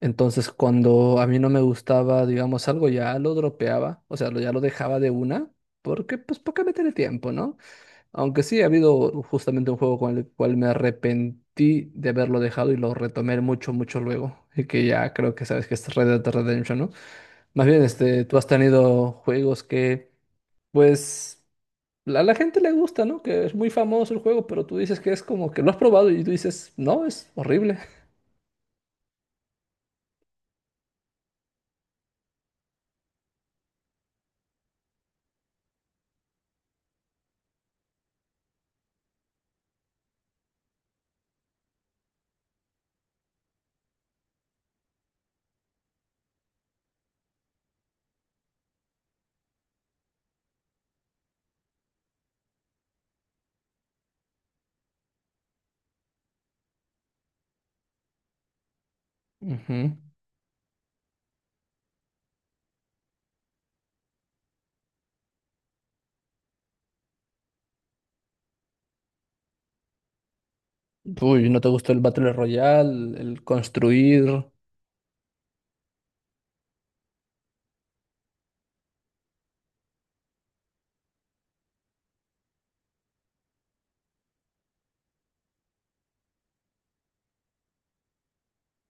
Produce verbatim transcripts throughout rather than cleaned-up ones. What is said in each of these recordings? Entonces, cuando a mí no me gustaba, digamos, algo, ya lo dropeaba, o sea, lo, ya lo dejaba de una, porque, pues, ¿para qué meterle tiempo, no? Aunque sí, ha habido justamente un juego con el cual me arrepentí de haberlo dejado y lo retomé mucho, mucho luego, y que ya creo que sabes que es Red Dead Redemption, ¿no? Más bien, este, tú has tenido juegos que, pues, a la gente le gusta, ¿no? Que es muy famoso el juego, pero tú dices que es como que lo has probado y tú dices, no, es horrible. Ujú. Uy, ¿no te gustó el Battle Royale, el construir?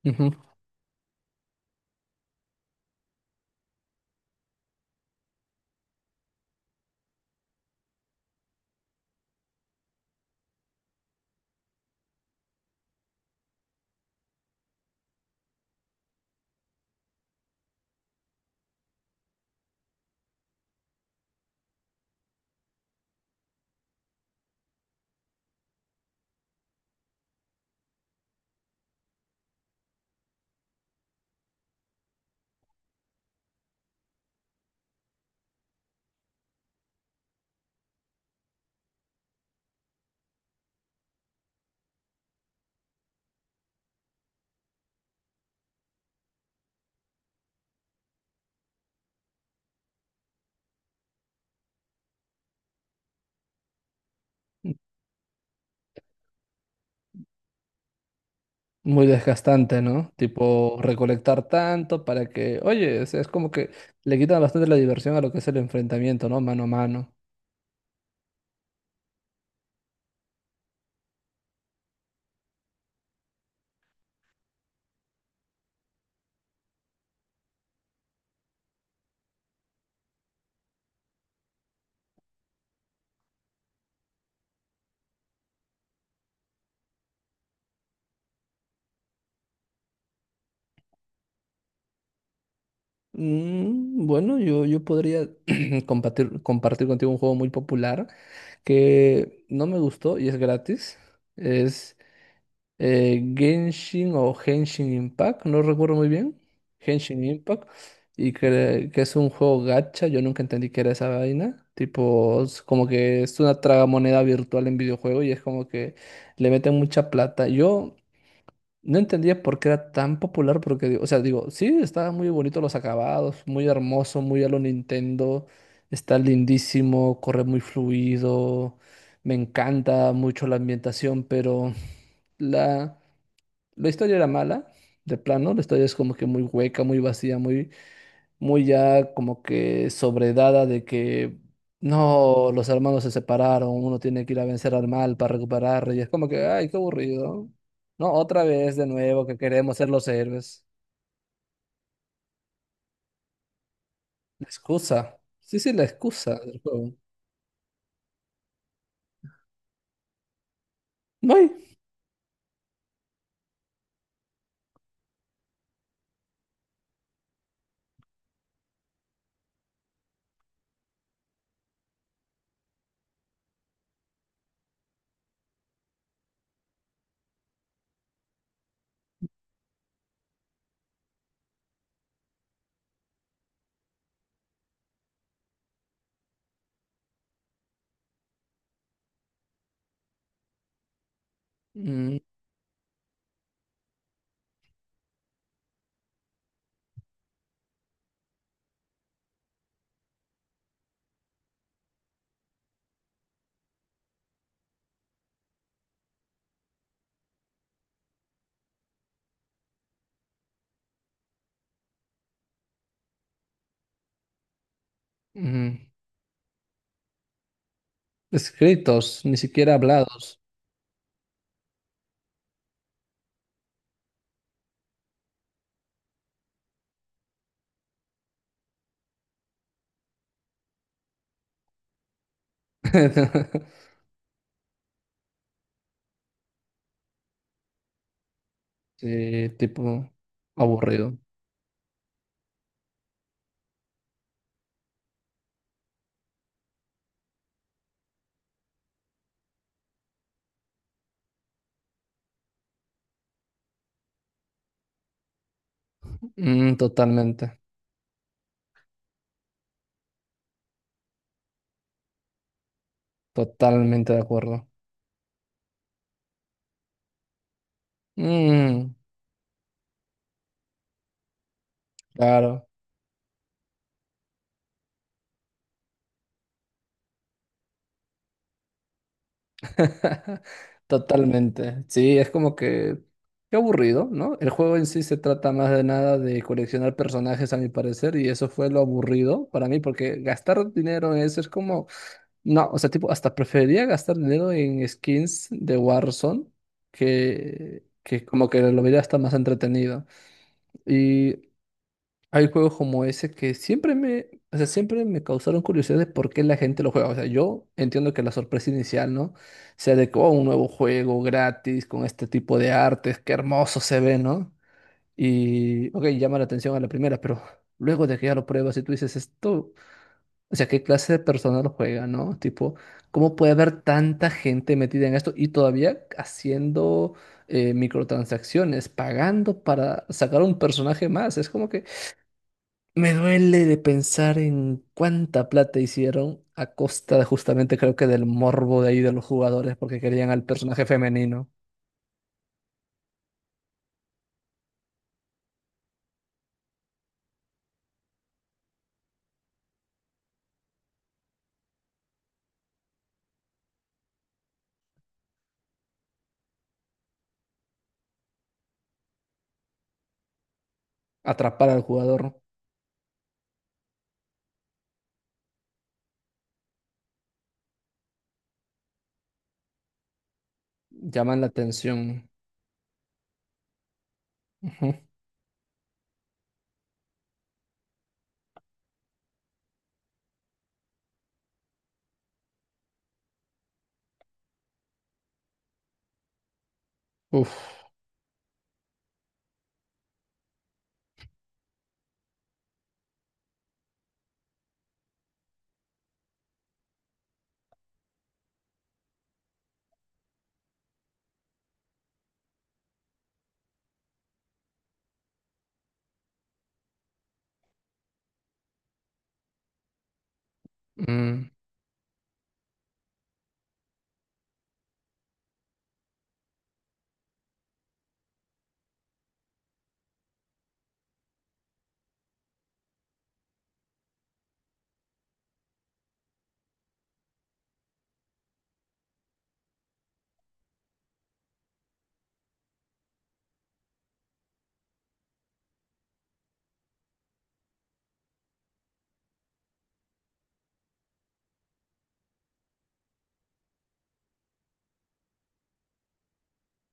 Ujú. Muy desgastante, ¿no? Tipo, recolectar tanto para que, oye, o sea, es como que le quitan bastante la diversión a lo que es el enfrentamiento, ¿no? Mano a mano. Mm, bueno, yo, yo podría compartir, compartir contigo un juego muy popular que no me gustó y es gratis. Es eh, Genshin o Genshin Impact, no recuerdo muy bien. Genshin Impact. Y que, que es un juego gacha, yo nunca entendí qué era esa vaina. Tipo, es como que es una tragamoneda virtual en videojuego y es como que le meten mucha plata. Yo no entendía por qué era tan popular, porque, digo- o sea, digo, sí, está muy bonito los acabados, muy hermoso, muy a lo Nintendo, está lindísimo, corre muy fluido, me encanta mucho la ambientación, pero la... La historia era mala, de plano, la historia es como que muy hueca, muy vacía, muy, muy ya como que sobredada de que no, los hermanos se separaron, uno tiene que ir a vencer al mal para recuperar, y es como que, ay, qué aburrido. No, otra vez de nuevo que queremos ser los héroes. La excusa. Sí, sí, la excusa del juego. No hay mm, mm, escritos, ni siquiera hablados. Sí, tipo aburrido. Mm, totalmente. Totalmente de acuerdo. Mm, claro. Totalmente. Sí, es como que qué aburrido, ¿no? El juego en sí se trata más de nada de coleccionar personajes, a mi parecer, y eso fue lo aburrido para mí, porque gastar dinero en eso es como, no, o sea, tipo, hasta preferiría gastar dinero en skins de Warzone que, que como que lo vería hasta más entretenido. Y hay juegos como ese que siempre me, o sea, siempre me causaron curiosidad de por qué la gente lo juega. O sea, yo entiendo que la sorpresa inicial, ¿no? Sea de que, oh, un nuevo juego gratis con este tipo de artes, qué hermoso se ve, ¿no? Y, ok, llama la atención a la primera, pero luego de que ya lo pruebas y tú dices esto, o sea, ¿qué clase de persona lo juega, ¿no? Tipo, ¿cómo puede haber tanta gente metida en esto y todavía haciendo eh, microtransacciones, pagando para sacar un personaje más? Es como que... Me duele de pensar en cuánta plata hicieron a costa de justamente creo que del morbo de ahí de los jugadores porque querían al personaje femenino atrapar al jugador, llaman la atención. Ujú. Uf. Mm.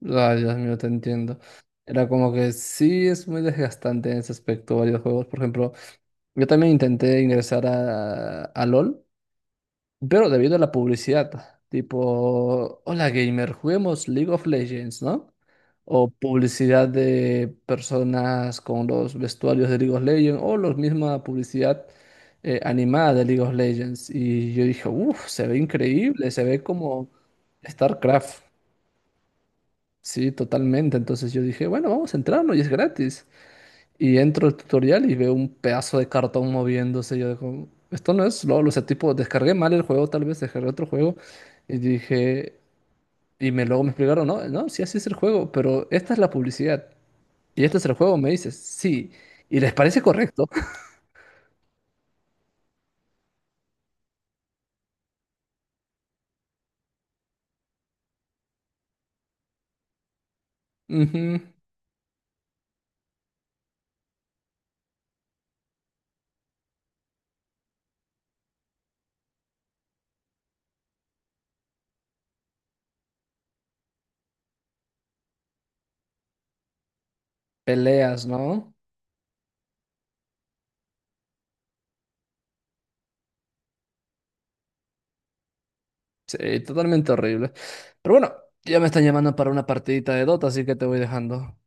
Ay, Dios mío, te entiendo. Era como que sí es muy desgastante en ese aspecto varios juegos. Por ejemplo, yo también intenté ingresar a, a L O L. Pero debido a la publicidad, tipo, hola gamer, juguemos League of Legends, ¿no? O publicidad de personas con los vestuarios de League of Legends, o la misma publicidad eh, animada de League of Legends. Y yo dije, uff, se ve increíble, se ve como StarCraft. Sí, totalmente. Entonces yo dije, bueno, vamos a entrarnos y es gratis. Y entro al tutorial y veo un pedazo de cartón moviéndose. Yo digo, esto no es L O L. O sea, tipo, descargué mal el juego, tal vez descargué otro juego. Y dije, y me luego me explicaron, no, no, sí, así es el juego, pero esta es la publicidad. Y este es el juego, me dices, sí. Y les parece correcto. Ujú. Peleas, ¿no? Sí, totalmente horrible. Pero bueno, ya me están llamando para una partidita de Dota, así que te voy dejando.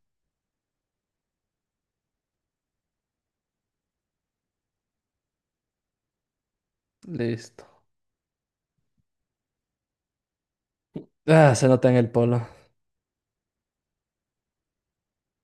Listo. Ah, se nota en el polo.